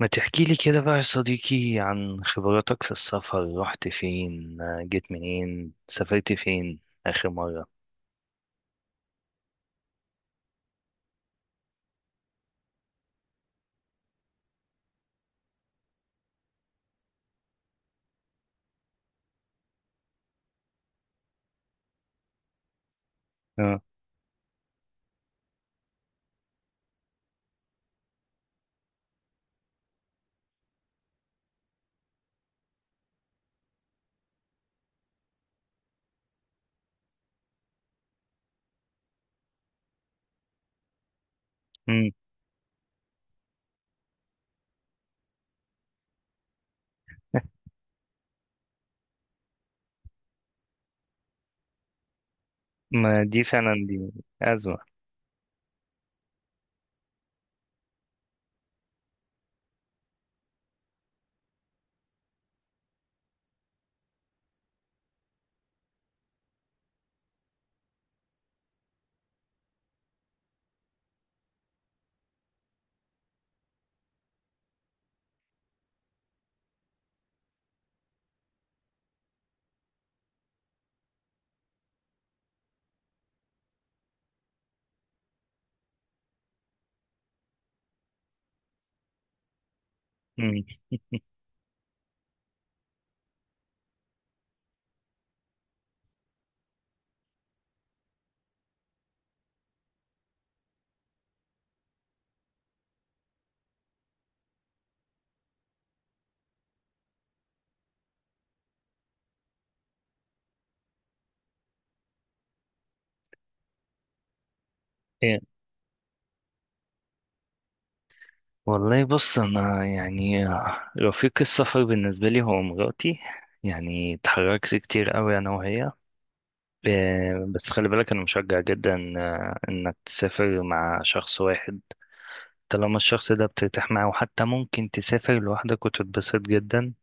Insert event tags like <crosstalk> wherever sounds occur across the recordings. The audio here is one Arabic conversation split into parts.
ما تحكي لي كده بقى يا صديقي عن خبراتك في السفر، رحت فين، جيت منين، سافرت فين آخر مرة؟ اه. مم. ما دي فعلا، دي أزمة. مم. إيه. والله، بص أنا يعني رفيق السفر بالنسبة لي هو مراتي. يعني اتحركت كتير قوي أنا وهي. بس خلي بالك، أنا مشجع جدا إنك تسافر مع شخص واحد. طالما الشخص ده بترتاح معاه، وحتى ممكن تسافر لوحدك وتتبسط جدا.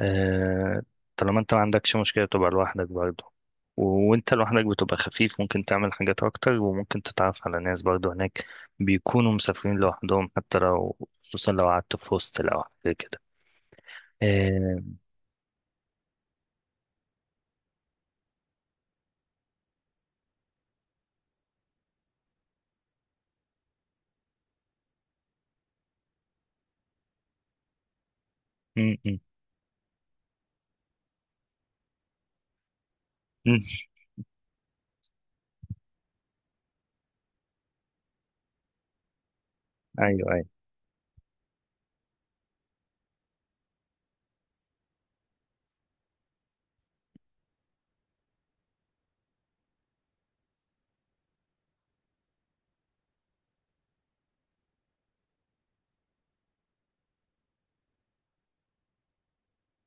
آه، طالما انت ما عندكش مشكلة تبقى لوحدك برضه. و- وانت لوحدك بتبقى خفيف، ممكن تعمل حاجات اكتر، وممكن تتعرف على ناس برضه هناك بيكونوا مسافرين لوحدهم، حتى لو، خصوصا لو قعدت في هوستل او حاجة كده. آه، م- م- م. ايوه، ايوه.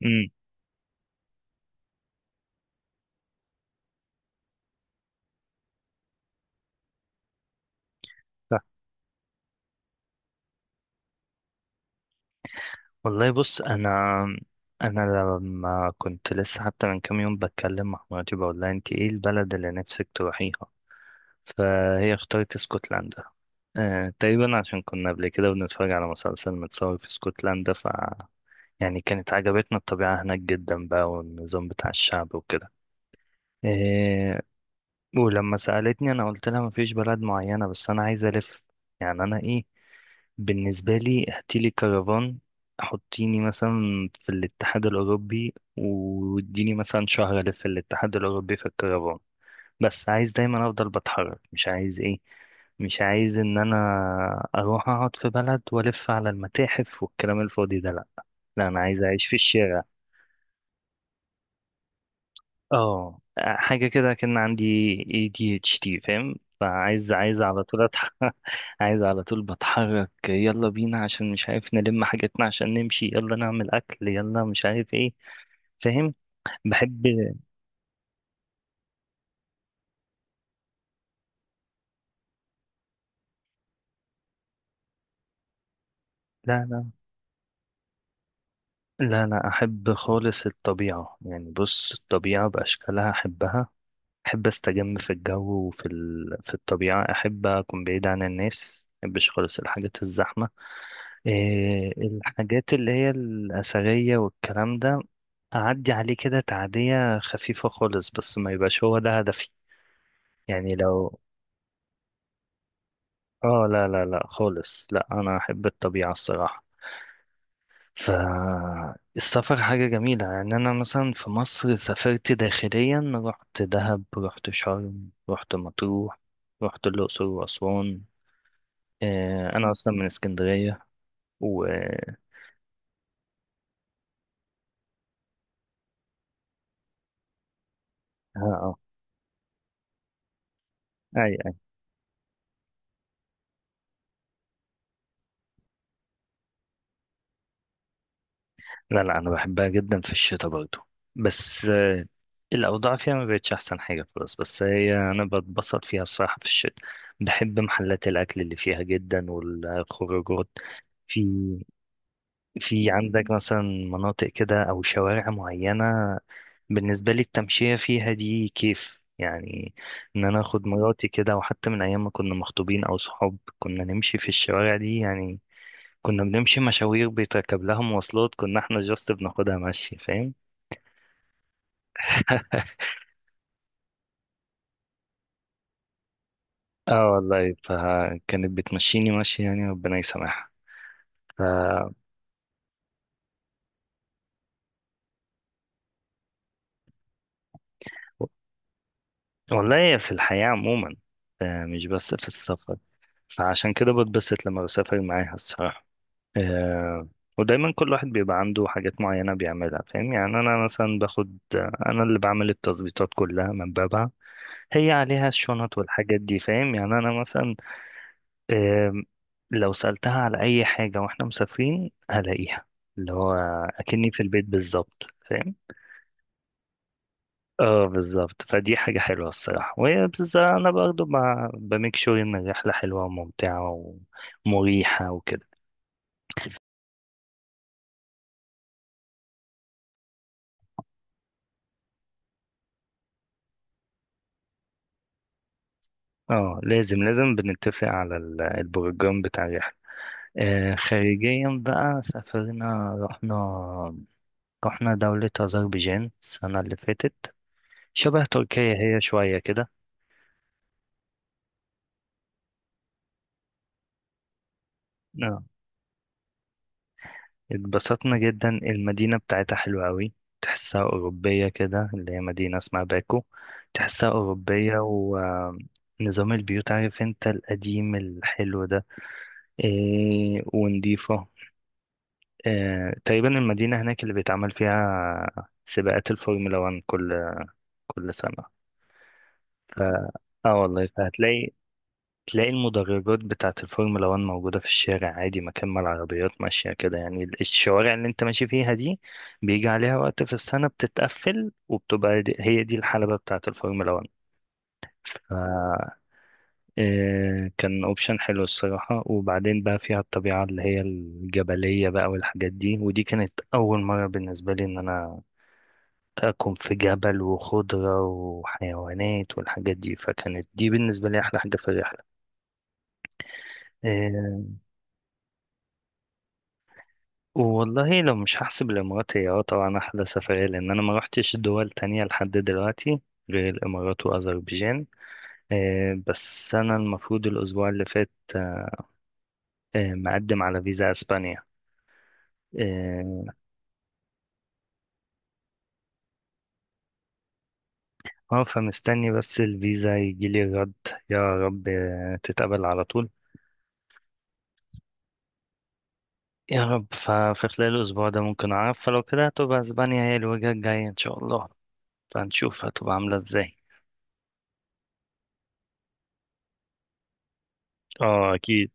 م. صح. والله، بص انا لما كنت لسه، حتى من كام يوم، بتكلم مع مراتي بقول لها: انت ايه البلد اللي نفسك تروحيها؟ فهي اختارت اسكتلندا. تقريبا عشان كنا قبل كده بنتفرج على مسلسل متصور في اسكتلندا، يعني كانت عجبتنا الطبيعة هناك جدا بقى، والنظام بتاع الشعب وكده. إيه. ولما سألتني، أنا قلت لها مفيش بلد معينة، بس أنا عايز ألف. يعني، أنا، إيه، بالنسبة لي هاتيلي كرفان، حطيني مثلا في الاتحاد الأوروبي، واديني مثلا شهر ألف في الاتحاد الأوروبي في الكرفان. بس عايز دايما افضل بتحرك، مش عايز، ايه، مش عايز ان انا اروح اقعد في بلد والف على المتاحف والكلام الفاضي ده، لا. لا، انا عايز اعيش في الشارع. اه، حاجه كده. كان عندي ADHD، فاهم؟ فعايز عايز على طول أتحرك. <laughs> عايز على طول بتحرك، يلا بينا، عشان مش عارف نلم حاجتنا عشان نمشي، يلا نعمل اكل، يلا مش عارف ايه. فاهم. بحب. لا، لا، لا، لا احب خالص الطبيعه يعني. بص، الطبيعه باشكالها احبها. أحب أستجم في الجو وفي في الطبيعة. أحب أكون بعيد عن الناس، مبحبش خالص الحاجات الزحمة. إيه الحاجات اللي هي الأثرية والكلام ده، أعدي عليه كده تعدية خفيفة خالص، بس ما يبقاش هو ده هدفي. يعني لو، آه، لا، لا، لا خالص، لا، أنا أحب الطبيعة الصراحة. فالسفر حاجة جميلة يعني. أنا مثلا في مصر سافرت داخليا، رحت دهب، رحت شرم، رحت مطروح، رحت الأقصر وأسوان. انا اصلا من اسكندريه و اه آه. اي، اي. لا، لا، انا بحبها جدا في الشتاء برضو. بس الاوضاع فيها ما بقتش احسن حاجه خلاص، بس هي انا بتبسط فيها الصراحه في الشتاء. بحب محلات الاكل اللي فيها جدا والخروجات. في في عندك مثلا مناطق كده او شوارع معينه؟ بالنسبه لي التمشيه فيها دي كيف يعني؟ ان انا اخد مراتي كده، وحتى من ايام ما كنا مخطوبين او صحاب، كنا نمشي في الشوارع دي يعني. كنا بنمشي مشاوير بيتركب لها مواصلات، كنا احنا جاست بناخدها مشي، فاهم؟ <laughs> اه، والله فكانت بتمشيني مشي يعني، ربنا يسامحها. ف... والله، في الحياة عموما، مش بس في السفر. فعشان كده بتبسط لما بسافر معاها الصراحة. آه، ودايما كل واحد بيبقى عنده حاجات معينة بيعملها، فاهم؟ يعني أنا مثلا باخد، أنا اللي بعمل التظبيطات كلها من بابها، هي عليها الشنط والحاجات دي، فاهم؟ يعني أنا مثلا، أم، لو سألتها على أي حاجة وإحنا مسافرين هلاقيها، اللي هو، أكني في البيت بالظبط، فاهم؟ اه، بالظبط. فدي حاجة حلوة الصراحة، وهي بس أنا برضه ب- بميك شور إن الرحلة حلوة وممتعة ومريحة وكده. اه، لازم لازم بنتفق على ال- البروجرام بتاع الرحلة. خارجيا بقى سافرنا، رحنا دولة أذربيجان السنة اللي فاتت. شبه تركيا هي، شوية كده. آه، اتبسطنا جدا، المدينة بتاعتها حلوة أوي. تحسها أوروبية كده، اللي هي مدينة اسمها باكو. تحسها أوروبية، ونظام البيوت، عارف انت، القديم الحلو ده. إيه، ونضيفة. إيه، تقريبا المدينة هناك اللي بيتعمل فيها سباقات الفورمولا 1 كل سنة. اه والله، تلاقي المدرجات بتاعة الفورمولا 1 موجودة في الشارع عادي، مكان ما العربيات ماشية كده يعني، ال- الشوارع اللي انت ماشي فيها دي بيجي عليها وقت في السنة بتتقفل، وبتبقى دي، هي دي الحلبة بتاعة الفورمولا 1. ف كان اوبشن حلو الصراحة. وبعدين بقى فيها الطبيعة اللي هي الجبلية بقى والحاجات دي، ودي كانت أول مرة بالنسبة لي إن أنا أكون في جبل وخضرة وحيوانات والحاجات دي، فكانت دي بالنسبة لي أحلى حاجة في الرحلة. آه، والله، لو مش هحسب الامارات هي طبعا احلى سفرية، لان انا ما روحتش دول تانية لحد دلوقتي غير الامارات واذربيجان. بس انا المفروض الاسبوع اللي فات مقدم على فيزا اسبانيا. اه. فمستني بس الفيزا يجيلي الرد. يا رب تتقبل على طول. يا رب. ففي خلال الاسبوع ده ممكن اعرف، فلو كده هتبقى اسبانيا هي الوجهة الجاية ان شاء الله. فهنشوف هتبقى عاملة ازاي. اه، اكيد.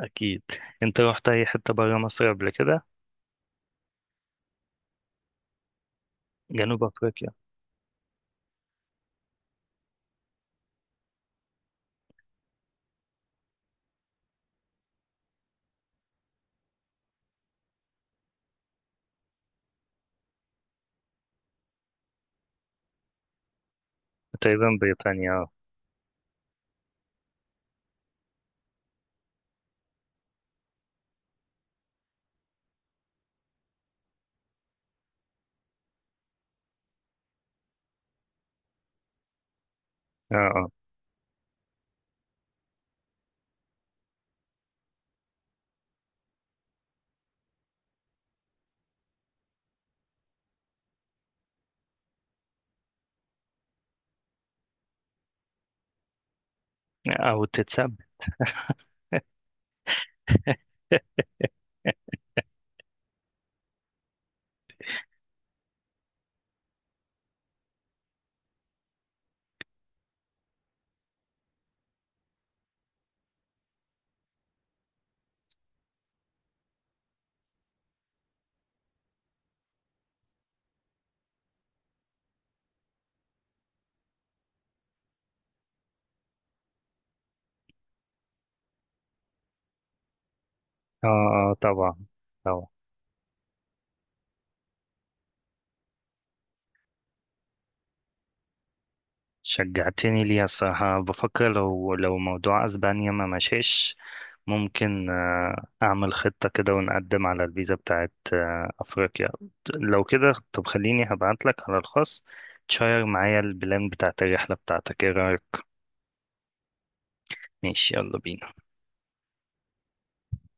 اكيد. انت روحت اي حتة برا مصر قبل كده؟ جنوب أفريقيا؟ تقريبا بريطانيا، اه. اه. اه، أو تتسب. <laughs> اه، اه، طبعا. طبعا. شجعتني ليها الصراحة. بفكر، لو موضوع أسبانيا ما مشيش، ممكن أعمل خطة كده، ونقدم على الفيزا بتاعت أفريقيا. لو كده، طب خليني هبعتلك على الخاص تشير معايا البلان بتاعت الرحلة بتاعتك، ايه رأيك؟ ماشي، يلا بينا.